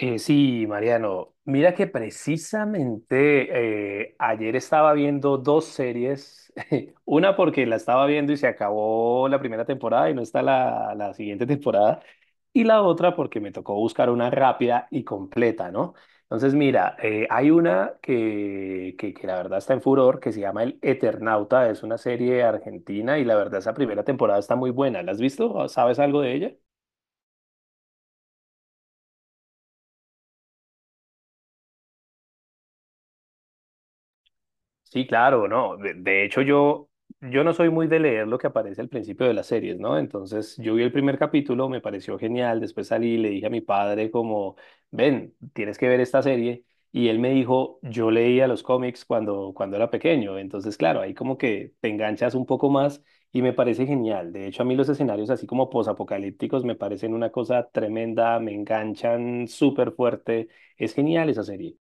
Sí, Mariano, mira que precisamente ayer estaba viendo dos series, una porque la estaba viendo y se acabó la primera temporada y no está la siguiente temporada, y la otra porque me tocó buscar una rápida y completa, ¿no? Entonces, mira, hay una que la verdad está en furor, que se llama El Eternauta, es una serie argentina y la verdad esa primera temporada está muy buena. ¿La has visto? ¿Sabes algo de ella? Sí, claro, no. De hecho, yo no soy muy de leer lo que aparece al principio de las series, ¿no? Entonces, yo vi el primer capítulo, me pareció genial. Después salí y le dije a mi padre como, ven, tienes que ver esta serie. Y él me dijo, yo leía los cómics cuando era pequeño. Entonces, claro, ahí como que te enganchas un poco más y me parece genial. De hecho, a mí los escenarios así como posapocalípticos me parecen una cosa tremenda, me enganchan súper fuerte. Es genial esa serie.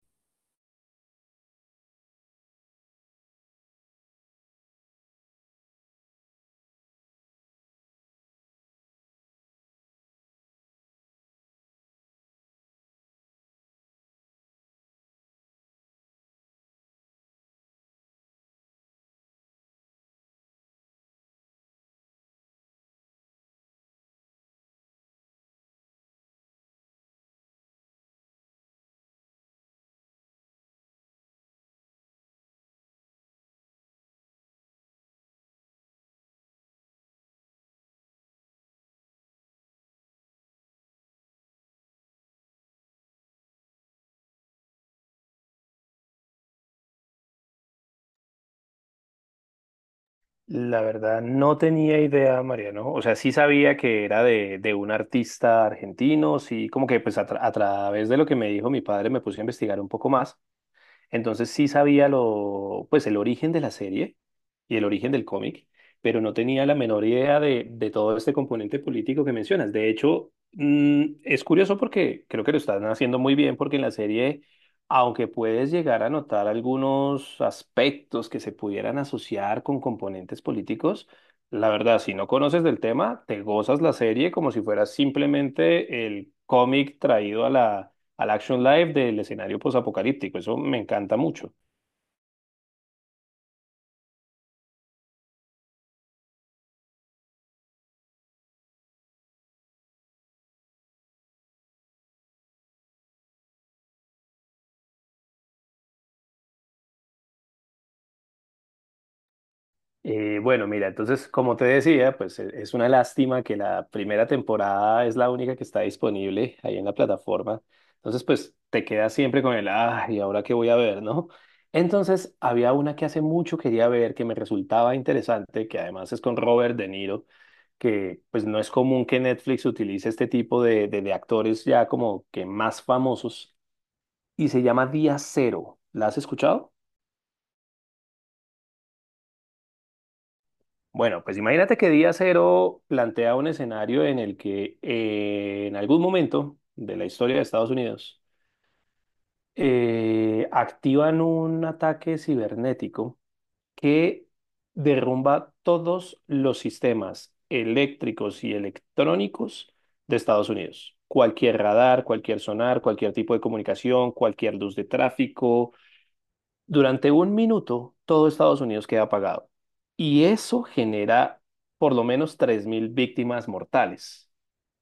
La verdad, no tenía idea, Mariano. O sea, sí sabía que era de un artista argentino, sí, como que pues a, a través de lo que me dijo mi padre me puse a investigar un poco más, entonces sí sabía lo, pues el origen de la serie y el origen del cómic, pero no tenía la menor idea de todo este componente político que mencionas. De hecho, es curioso porque creo que lo están haciendo muy bien porque en la serie, aunque puedes llegar a notar algunos aspectos que se pudieran asociar con componentes políticos, la verdad, si no conoces del tema, te gozas la serie como si fuera simplemente el cómic traído a la al action live del escenario posapocalíptico. Eso me encanta mucho. Bueno, mira, entonces, como te decía, pues es una lástima que la primera temporada es la única que está disponible ahí en la plataforma. Entonces, pues te quedas siempre con el, ah, ¿y ahora qué voy a ver, no? Entonces, había una que hace mucho quería ver, que me resultaba interesante, que además es con Robert De Niro, que pues no es común que Netflix utilice este tipo de, de actores ya como que más famosos, y se llama Día Cero. ¿La has escuchado? Bueno, pues imagínate que Día Cero plantea un escenario en el que en algún momento de la historia de Estados Unidos activan un ataque cibernético que derrumba todos los sistemas eléctricos y electrónicos de Estados Unidos. Cualquier radar, cualquier sonar, cualquier tipo de comunicación, cualquier luz de tráfico, durante un minuto, todo Estados Unidos queda apagado. Y eso genera por lo menos 3.000 víctimas mortales.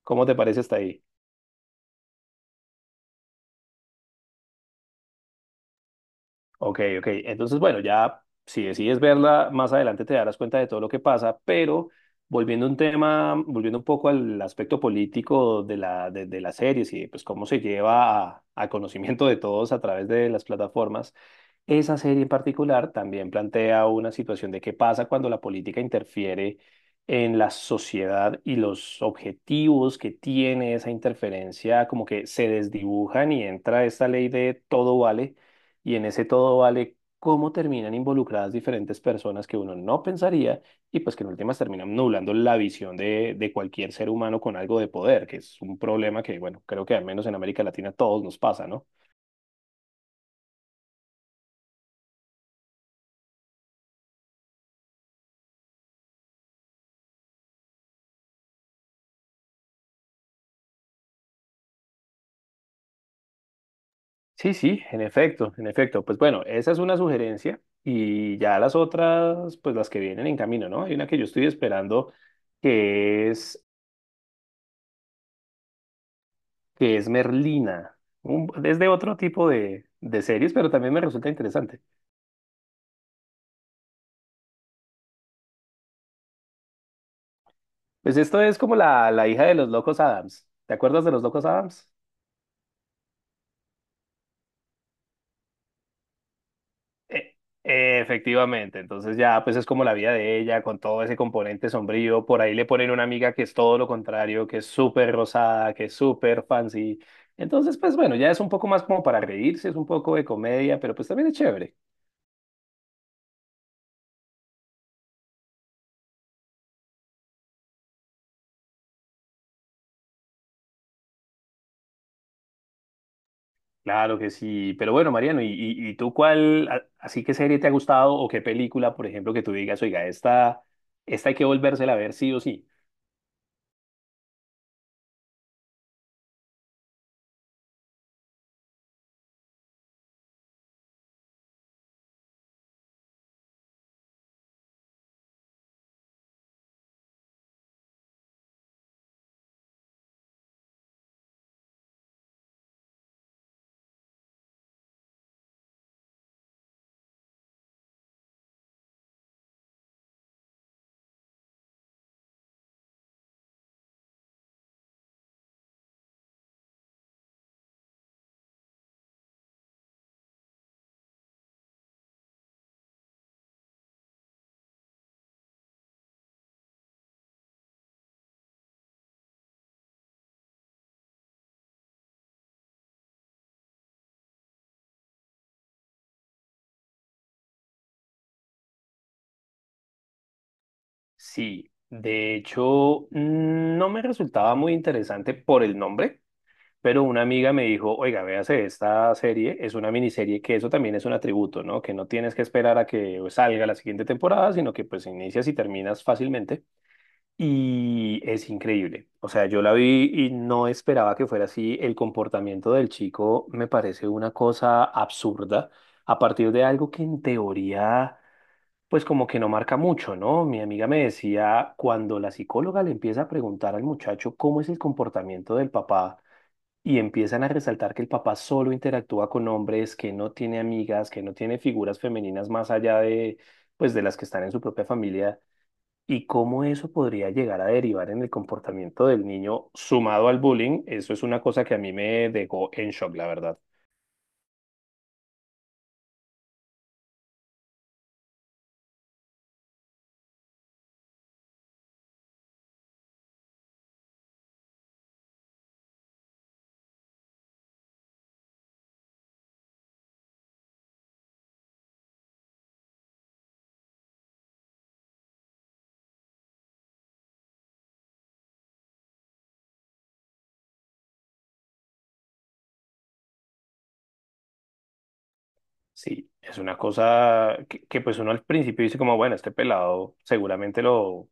¿Cómo te parece hasta ahí? Ok, ok. Entonces, bueno, ya si decides verla, más adelante te darás cuenta de todo lo que pasa, pero volviendo a un tema, volviendo un poco al aspecto político de de las series y pues cómo se lleva a conocimiento de todos a través de las plataformas, esa serie en particular también plantea una situación de qué pasa cuando la política interfiere en la sociedad y los objetivos que tiene esa interferencia como que se desdibujan y entra esta ley de todo vale y en ese todo vale cómo terminan involucradas diferentes personas que uno no pensaría y pues que en últimas terminan nublando la visión de cualquier ser humano con algo de poder, que es un problema que bueno, creo que al menos en América Latina a todos nos pasa, ¿no? Sí, sí, en efecto, en efecto. Pues bueno, esa es una sugerencia y ya las otras, pues las que vienen en camino, ¿no? Hay una que yo estoy esperando que es, que es Merlina. Un, es de otro tipo de series, pero también me resulta interesante. Pues esto es como la hija de los locos Adams. ¿Te acuerdas de los locos Adams? E- Efectivamente, entonces ya pues es como la vida de ella con todo ese componente sombrío, por ahí le ponen una amiga que es todo lo contrario, que es súper rosada, que es súper fancy, entonces pues bueno, ya es un poco más como para reírse, es un poco de comedia, pero pues también es chévere. Claro que sí, pero bueno, Mariano, ¿y tú cuál, así qué serie te ha gustado o qué película, por ejemplo, que tú digas, oiga, esta hay que volvérsela a ver sí o sí? Sí, de hecho, no me resultaba muy interesante por el nombre. Pero una amiga me dijo, oiga, véase esta serie, es una miniserie, que eso también es un atributo, ¿no? Que no tienes que esperar a que salga la siguiente temporada, sino que pues inicias y terminas fácilmente. Y es increíble. O sea, yo la vi y no esperaba que fuera así. El comportamiento del chico me parece una cosa absurda a partir de algo que en teoría, pues como que no marca mucho, ¿no? Mi amiga me decía, cuando la psicóloga le empieza a preguntar al muchacho cómo es el comportamiento del papá, y empiezan a resaltar que el papá solo interactúa con hombres, que no tiene amigas, que no tiene figuras femeninas más allá de, pues, de las que están en su propia familia, y cómo eso podría llegar a derivar en el comportamiento del niño sumado al bullying, eso es una cosa que a mí me dejó en shock, la verdad. Sí, es una cosa pues uno al principio dice como, bueno, este pelado seguramente lo,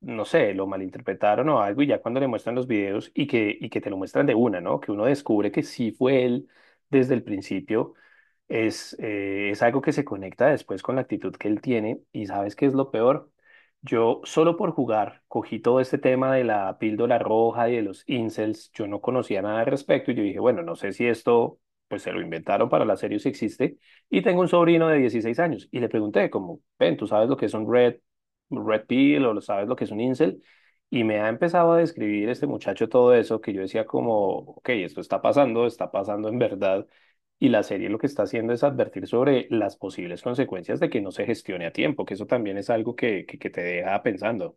no sé, lo malinterpretaron o algo, y ya cuando le muestran los videos y que te lo muestran de una, ¿no? Que uno descubre que sí fue él desde el principio, es algo que se conecta después con la actitud que él tiene, y ¿sabes qué es lo peor? Yo solo por jugar cogí todo este tema de la píldora roja y de los incels, yo no conocía nada al respecto y yo dije, bueno, no sé si esto pues se lo inventaron para la serie o si existe y tengo un sobrino de 16 años y le pregunté como, ven, ¿tú sabes lo que son Red Pill o sabes lo que es un incel? Y me ha empezado a describir este muchacho todo eso que yo decía como, ok, esto está pasando en verdad. Y la serie lo que está haciendo es advertir sobre las posibles consecuencias de que no se gestione a tiempo, que eso también es algo que te deja pensando.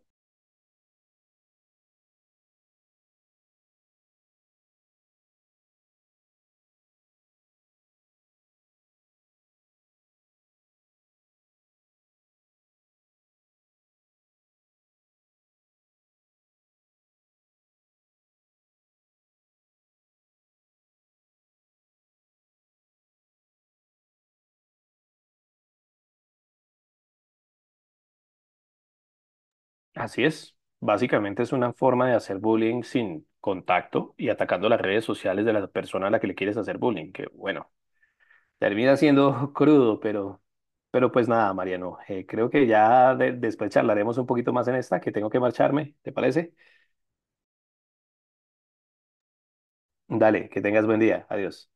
Así es. Básicamente es una forma de hacer bullying sin contacto y atacando las redes sociales de la persona a la que le quieres hacer bullying, que bueno, termina siendo crudo, pero pues nada, Mariano, creo que ya después charlaremos un poquito más en esta, que tengo que marcharme, ¿te parece? Dale, que tengas buen día. Adiós.